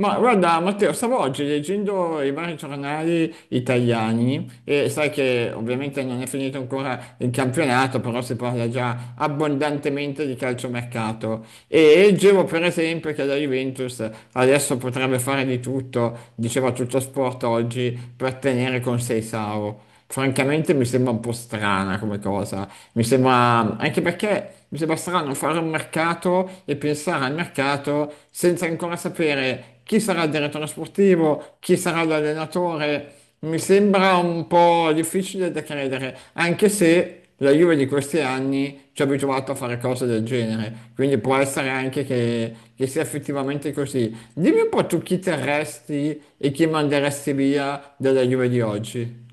Ma guarda, Matteo, stavo oggi leggendo i vari giornali italiani e sai che ovviamente non è finito ancora il campionato, però si parla già abbondantemente di calciomercato. E leggevo per esempio che la Juventus adesso potrebbe fare di tutto, diceva tutto sport oggi, per tenere con Seisao francamente mi sembra un po' strana come cosa. Mi sembra, anche perché mi sembra strano fare un mercato e pensare al mercato senza ancora sapere chi sarà il direttore sportivo, chi sarà l'allenatore. Mi sembra un po' difficile da credere, anche se la Juve di questi anni ci ha abituato a fare cose del genere, quindi può essere anche che sia effettivamente così. Dimmi un po' tu chi terresti e chi manderesti via della Juve di oggi.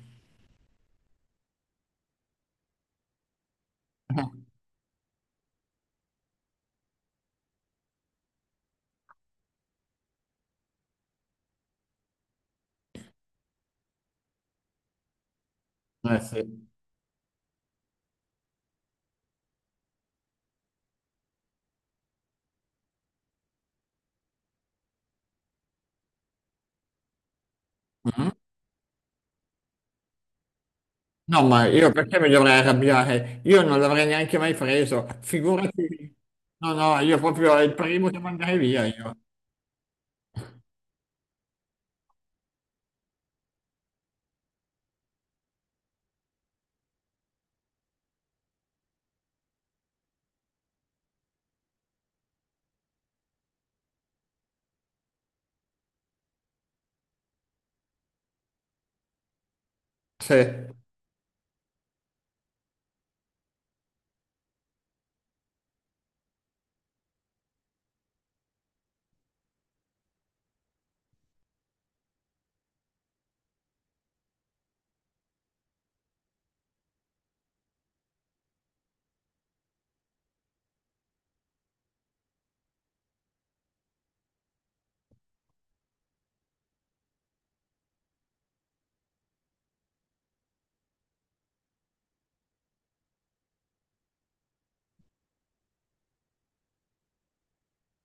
Eh sì. Mhm. No, ma io perché mi dovrei arrabbiare? Io non l'avrei neanche mai preso, figurati. No, no, io proprio è il primo che manderei via io. Sì.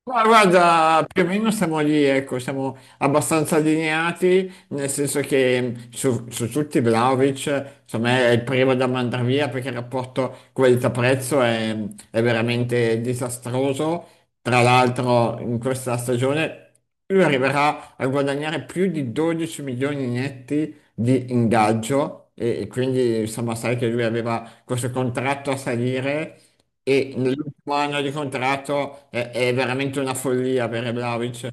Ma guarda, più o meno siamo lì, ecco, siamo abbastanza allineati, nel senso che su tutti Vlahovic, secondo me è il primo da mandare via perché il rapporto qualità-prezzo è veramente disastroso. Tra l'altro in questa stagione lui arriverà a guadagnare più di 12 milioni netti di ingaggio e quindi insomma sai che lui aveva questo contratto a salire e nell'ultimo anno di contratto è veramente una follia per Vlahovic.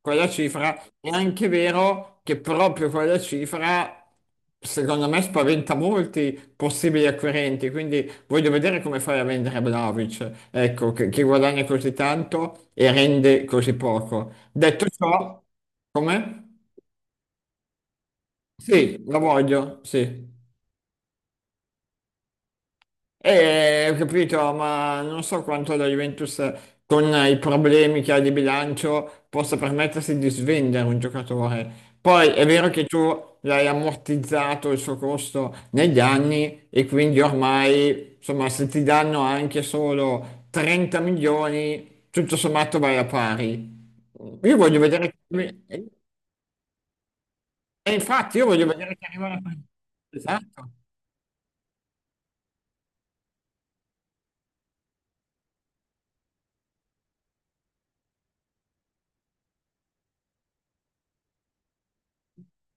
Quella cifra è anche vero che proprio quella cifra, secondo me, spaventa molti possibili acquirenti. Quindi voglio vedere come fai a vendere Vlahovic, ecco, che guadagna così tanto e rende così poco. Detto ciò, come? Sì, lo voglio, sì. Ho capito, ma non so quanto la Juventus con i problemi che ha di bilancio possa permettersi di svendere un giocatore. Poi è vero che tu l'hai ammortizzato il suo costo negli anni e quindi ormai, insomma, se ti danno anche solo 30 milioni, tutto sommato vai a pari. Io voglio vedere, e infatti io voglio vedere che arriva la... Esatto.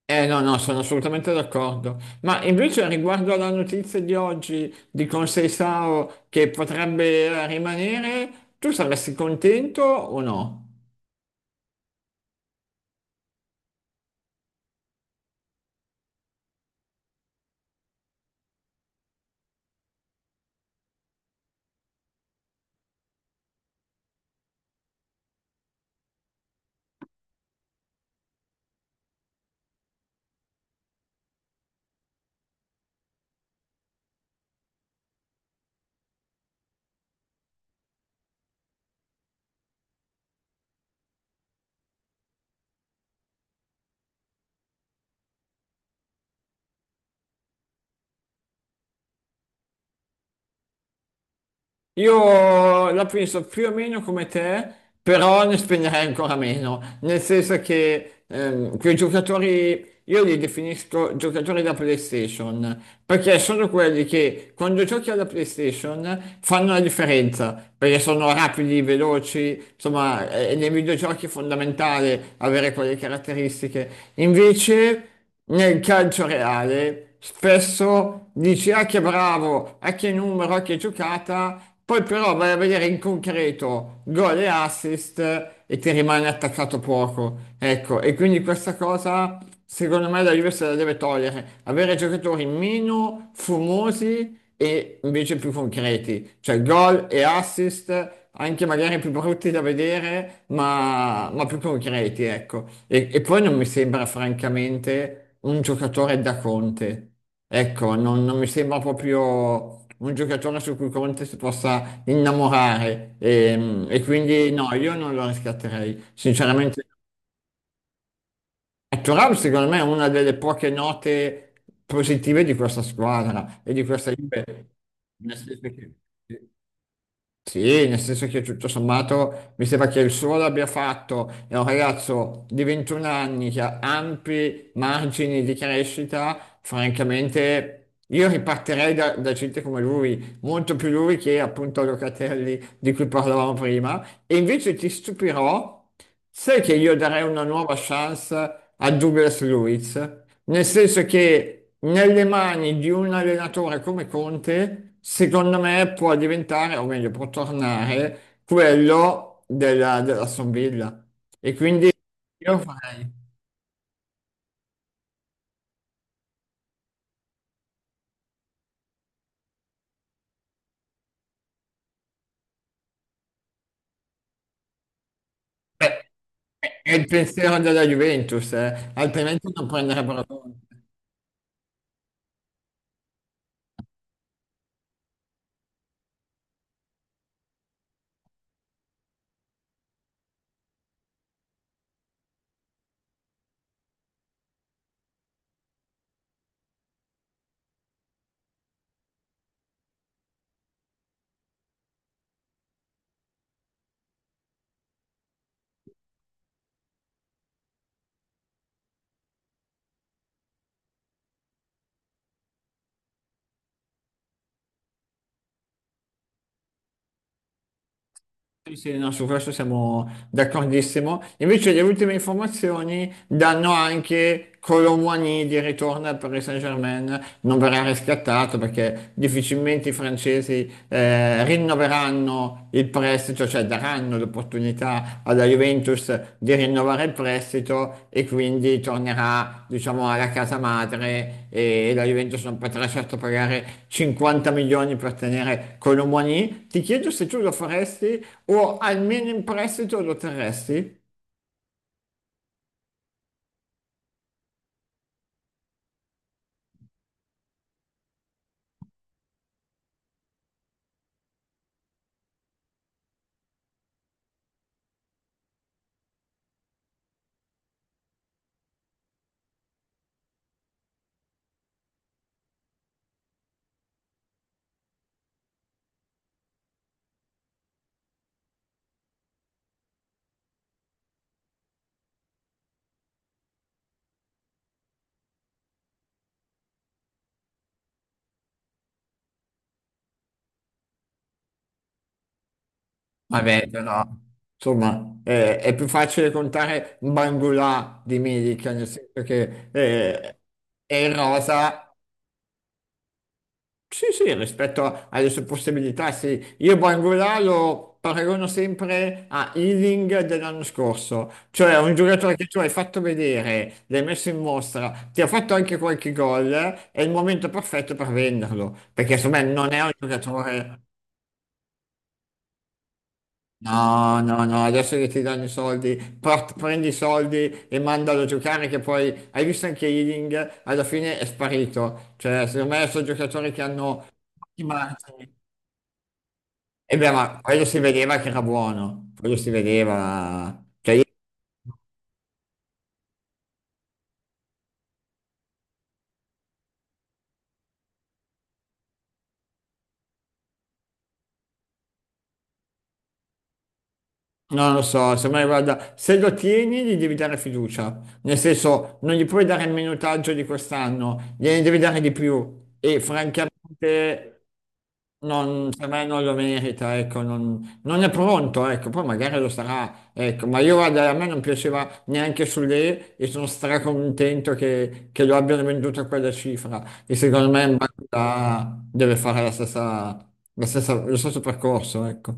Eh no, no, sono assolutamente d'accordo. Ma invece riguardo alla notizia di oggi di Conseil SAO che potrebbe rimanere, tu saresti contento o no? Io la penso più o meno come te, però ne spenderei ancora meno, nel senso che quei giocatori, io li definisco giocatori da PlayStation, perché sono quelli che quando giochi alla PlayStation fanno la differenza, perché sono rapidi, veloci, insomma, nei videogiochi è fondamentale avere quelle caratteristiche. Invece nel calcio reale spesso dici ah che bravo, ah che numero, ah che giocata, poi però vai a vedere in concreto gol e assist e ti rimane attaccato poco. Ecco, e quindi questa cosa secondo me la Juve se la deve togliere, avere giocatori meno fumosi e invece più concreti, cioè gol e assist anche magari più brutti da vedere, ma più concreti, ecco. E poi non mi sembra francamente un giocatore da Conte. Ecco, non mi sembra proprio un giocatore su cui Conte si possa innamorare. E quindi no, io non lo riscatterei. Sinceramente, Thuram secondo me è una delle poche note positive di questa squadra e di questa Juve. Nel senso che- sì, nel senso che tutto sommato mi sembra che il suo l'abbia fatto, è un ragazzo di 21 anni che ha ampi margini di crescita, francamente io ripartirei da gente come lui, molto più lui che appunto Locatelli di cui parlavamo prima, e invece ti stupirò, sai che io darei una nuova chance a Douglas Luiz? Nel senso che nelle mani di un allenatore come Conte, secondo me può diventare, o meglio, può tornare quello dell'Aston Villa. E quindi io farei. Beh, è il pensiero della Juventus, altrimenti non prenderebbero. Sì, sì, no, su questo siamo d'accordissimo. Invece le ultime informazioni danno anche Colomwani di ritorno al Paris Saint-Germain, non verrà riscattato perché difficilmente i francesi rinnoveranno il prestito, cioè daranno l'opportunità possibilità alla Juventus di rinnovare il prestito e quindi tornerà, diciamo, alla casa madre e la Juventus non potrà certo pagare 50 milioni per tenere Colomoni. Ti chiedo se tu lo faresti o almeno in prestito lo terresti? Vabbè, però, insomma, è più facile contare Bangula di Milik, nel senso che è in rosa. Sì, sì, rispetto alle sue possibilità, sì. Io Bangula lo paragono sempre a Ealing dell'anno scorso, cioè un giocatore che tu hai fatto vedere, l'hai messo in mostra, ti ha fatto anche qualche gol, è il momento perfetto per venderlo, perché secondo me non è un giocatore... No, no, no, adesso che ti danno i soldi, prendi i soldi e mandalo a giocare che poi hai visto anche Ealing, alla fine è sparito. Cioè, secondo me sono giocatori che hanno... E beh, ma quello si vedeva che era buono, quello si vedeva. Cioè, io non lo so, se me guarda, se lo tieni gli devi dare fiducia, nel senso non gli puoi dare il minutaggio di quest'anno, gliene devi dare di più e francamente non, per me non lo merita, ecco, non è pronto, ecco, poi magari lo sarà, ecco, ma io guarda, a me non piaceva neanche sulle e sono stracontento che lo abbiano venduto a quella cifra e secondo me Mbappa deve fare la stessa, lo stesso percorso, ecco.